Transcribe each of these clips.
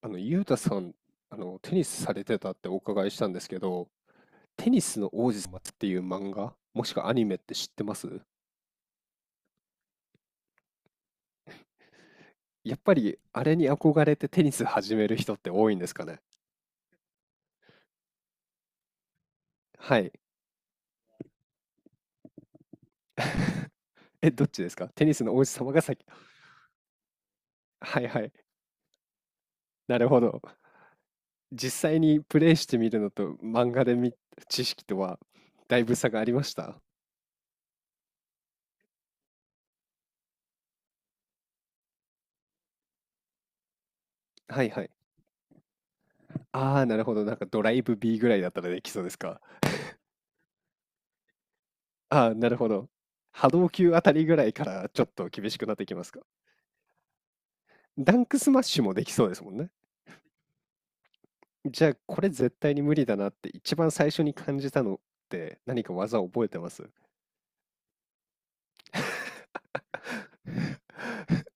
ゆうたさん、テニスされてたってお伺いしたんですけど、テニスの王子様っていう漫画、もしくはアニメって知ってます？やっぱり、あれに憧れてテニス始める人って多いんですかね。はい。え、どっちですか？テニスの王子様が先？はいはい。なるほど。実際にプレイしてみるのと漫画で見、知識とはだいぶ差がありました？はいはい。ああ、なるほど。なんかドライブ B ぐらいだったらできそうですか？ああ、なるほど。波動級あたりぐらいからちょっと厳しくなってきますか。ダンクスマッシュもできそうですもんね。じゃあ、これ絶対に無理だなって一番最初に感じたのって何か技を覚えてます？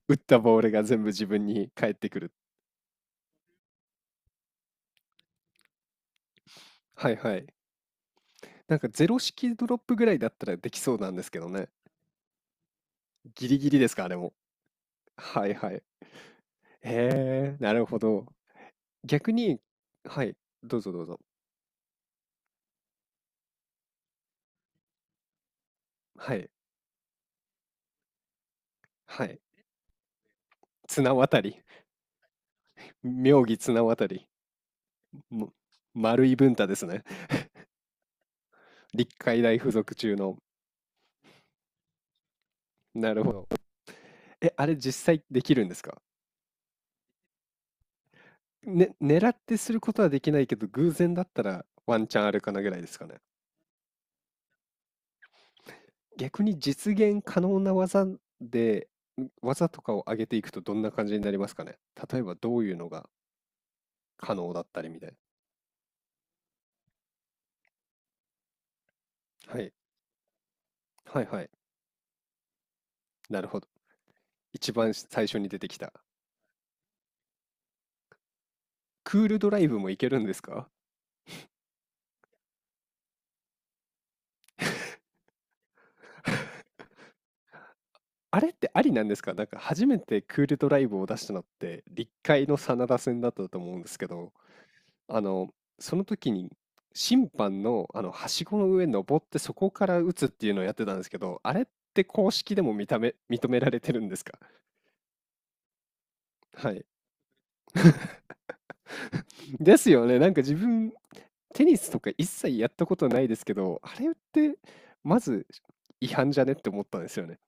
打ったボールが全部自分に返ってくる。はいはい。なんかゼロ式ドロップぐらいだったらできそうなんですけどね。ギリギリですか、あれも。はいはい。へえ、なるほど。逆に、はい、どうぞどうぞ。はい、はい。綱渡り。妙義綱渡り。も丸い文太ですね。立海大附属中の。なるほど。え、あれ実際できるんですか？ね、狙ってすることはできないけど、偶然だったらワンチャンあるかなぐらいですかね。逆に実現可能な技で、ん技とかを上げていくとどんな感じになりますかね。例えばどういうのが可能だったりみたいな。はい。はいはい。なるほど。一番最初に出てきた。クールドライブもいけるんですか？あれってありなんですか？なんか初めてクールドライブを出したのって、立海の真田戦だったと思うんですけど、あの、その時に審判の、はしごの上に登ってそこから打つっていうのをやってたんですけど、あれって公式でも認められてるんですか？はい。ですよね。なんか自分、テニスとか一切やったことないですけど、あれってまず違反じゃねって思ったんですよね。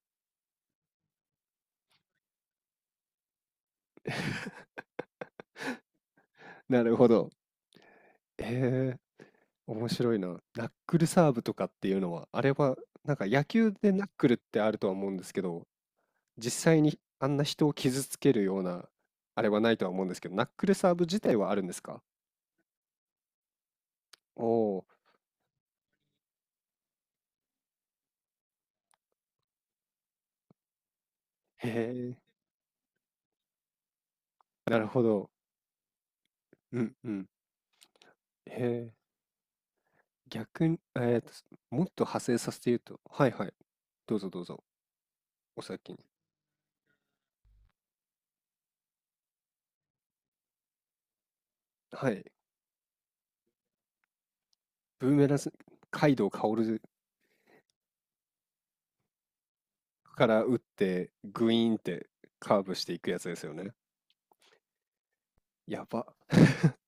なるほど。へえ。面白いな。ナックルサーブとかっていうのは、あれは、なんか野球でナックルってあるとは思うんですけど、実際にあんな人を傷つけるような、あれはないとは思うんですけど、ナックルサーブ自体はあるんですか？おおー、へえ、なるほど。うんうん。へえ、逆に、もっと派生させて言うと、はいはい。どうぞどうぞ、お先に。はい。ブーメラン、カイドウ薫から打って、グイーンってカーブしていくやつですよね。やば。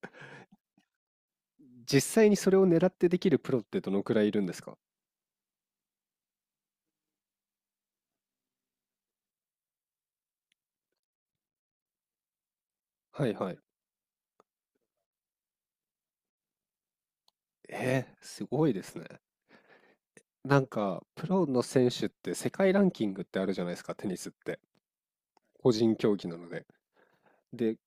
実際にそれを狙ってできるプロってどのくらいいるんですか？はいはい。すごいですね。なんか、プロの選手って世界ランキングってあるじゃないですか、テニスって。個人競技なので。で、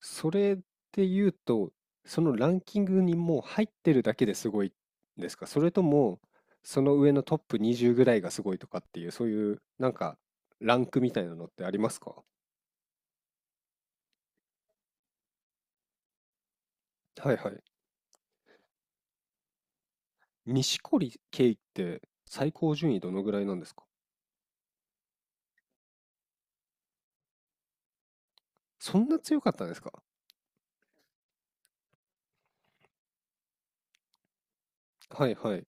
それで言うと、そのランキングにもう入ってるだけですごいんですか？それとも、その上のトップ20ぐらいがすごいとかっていう、そういう、なんか、ランクみたいなのってありますか？はいはい。錦織圭って最高順位どのぐらいなんですか？そんな強かったんですか？はいはい。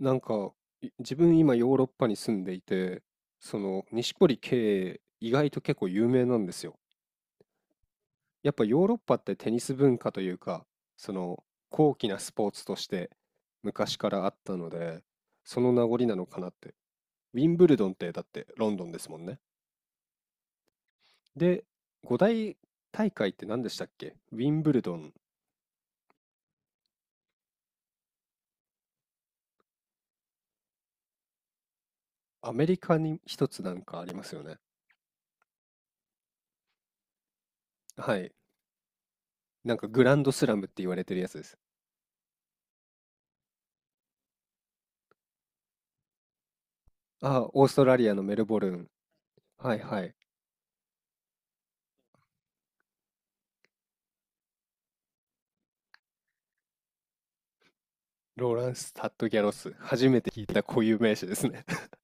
なんか、自分今ヨーロッパに住んでいて、その、錦織圭意外と結構有名なんですよ。やっぱヨーロッパってテニス文化というか、その、高貴なスポーツとして昔からあったので、その名残なのかなって。ウィンブルドンってだってロンドンですもんね。で、五大大会って何でしたっけ？ウィンブルドン、アメリカに一つなんかありますよね。はい。なんかグランドスラムって言われてるやつです。あ、オーストラリアのメルボルン。はいはい。ローランス・タッド・ギャロス。初めて聞いた固有名詞ですね。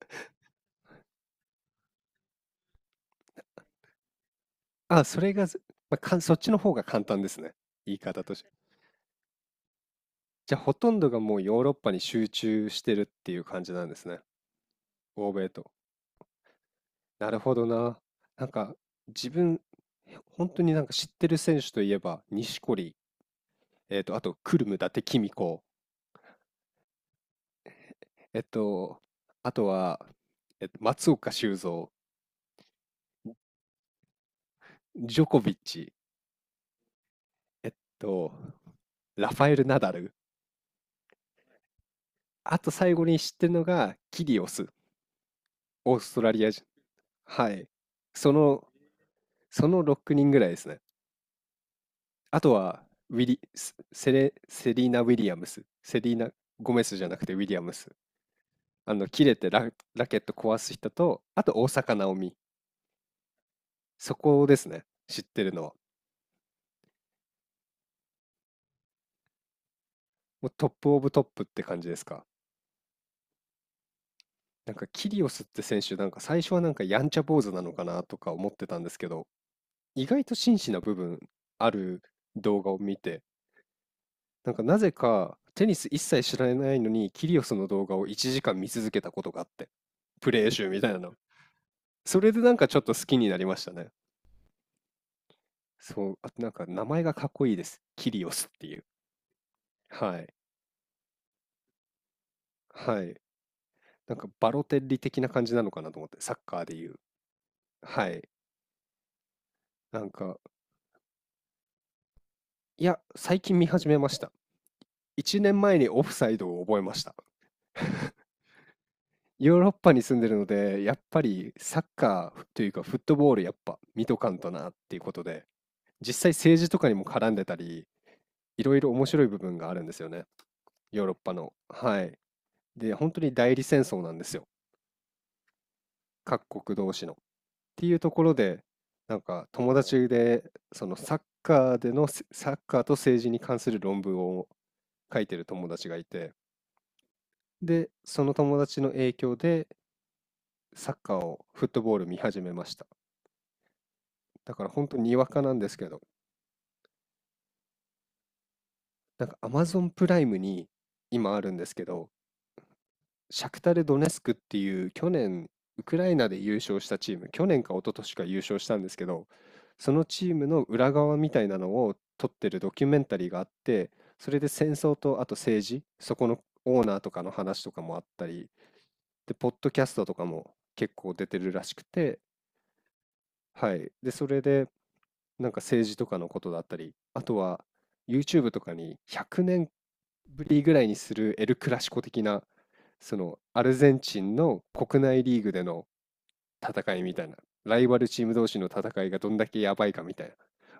あ、それがず、まあ、そっちの方が簡単ですね。言い方として。じゃあ、ほとんどがもうヨーロッパに集中してるっていう感じなんですね。欧米と。なるほどな。なんか、自分、本当になんか知ってる選手といえば、錦織、あと、クルム、伊達公子、えっと、あとは、松岡修造、ジョコビッチ、えっと、ラファエル・ナダル、あと最後に知ってるのがキリオス、オーストラリア人。はい。その、その6人ぐらいですね。あとは、ウィリ、セリーナ・ウィリアムス、セリーナ・ゴメスじゃなくてウィリアムス。切れてラケット壊す人と、あと大坂なおみ。そこですね。知ってるのは。もうトップオブトップって感じですか？なんかキリオスって選手、なんか最初はなんかやんちゃ坊主なのかなとか思ってたんですけど、意外と真摯な部分ある？動画を見て、なんかなぜかテニス一切知らないのにキリオスの動画を1時間見続けたことがあって、プレー集みたいなの。それでなんかちょっと好きになりましたね。そう、あとなんか名前がかっこいいです。キリオスっていう。はい。はい。なんかバロテッリ的な感じなのかなと思って、サッカーでいう。はい。なんか、いや、最近見始めました。1年前にオフサイドを覚えました。ヨーロッパに住んでるので、やっぱりサッカーというかフットボールやっぱ見とかんとなっていうことで、実際政治とかにも絡んでたり、いろいろ面白い部分があるんですよね。ヨーロッパの。はい。で、本当に代理戦争なんですよ。各国同士の。っていうところで、なんか友達で、そのサッカーと政治に関する論文を書いてる友達がいて、で、その友達の影響でサッカーを、フットボール見始めました。だから本当にわかなんですけど、なんか Amazon プライムに今あるんですけど、シャクタル・ドネスクっていう去年ウクライナで優勝したチーム、去年か一昨年か優勝したんですけど、そのチームの裏側みたいなのを撮ってるドキュメンタリーがあって、それで戦争とあと政治、そこのオーナーとかの話とかもあったり、で、ポッドキャストとかも結構出てるらしくて、はい。で、それでなんか政治とかのことだったり、あとは YouTube とかに100年ぶりぐらいにするエル・クラシコ的な、そのアルゼンチンの国内リーグでの戦いみたいな、ライバルチーム同士の戦いがどんだけやばいかみたいな、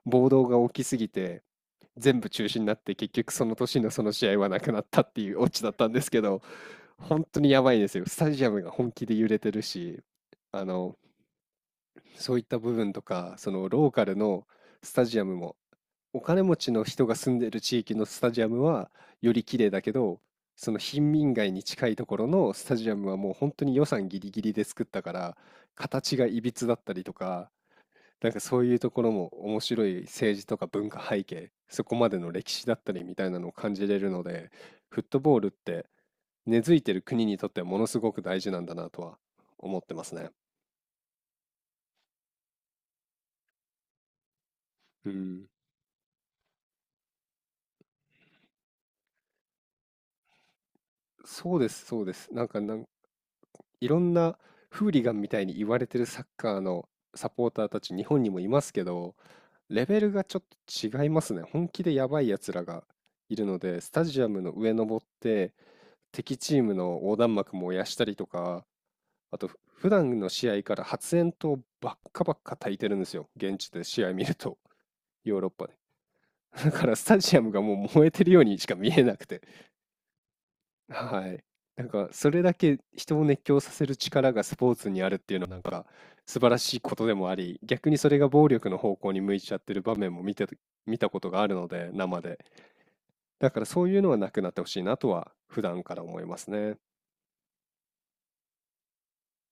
暴動が起きすぎて全部中止になって結局その年のその試合はなくなったっていうオチだったんですけど、本当にやばいですよ。スタジアムが本気で揺れてるし、あの、そういった部分とか、そのローカルのスタジアムもお金持ちの人が住んでる地域のスタジアムはより綺麗だけど、その貧民街に近いところのスタジアムはもう本当に予算ギリギリで作ったから、形がいびつだったりとか、なんかそういうところも面白い政治とか文化背景、そこまでの歴史だったりみたいなのを感じれるので、フットボールって根付いてる国にとってはものすごく大事なんだなとは思ってますね。うん、そうです、そうです。なんかいろんなフーリガンみたいに言われてるサッカーのサポーターたち日本にもいますけど、レベルがちょっと違いますね。本気でやばいやつらがいるので、スタジアムの上登って敵チームの横断幕燃やしたりとか、あと普段の試合から発煙筒ばっかばっか焚いてるんですよ。現地で試合見ると、ヨーロッパで。だからスタジアムがもう燃えてるようにしか見えなくて。はい。なんか、それだけ人を熱狂させる力がスポーツにあるっていうのは、なんか、素晴らしいことでもあり、逆にそれが暴力の方向に向いちゃってる場面も見たことがあるので、生で。だからそういうのはなくなってほしいなとは、普段から思いますね。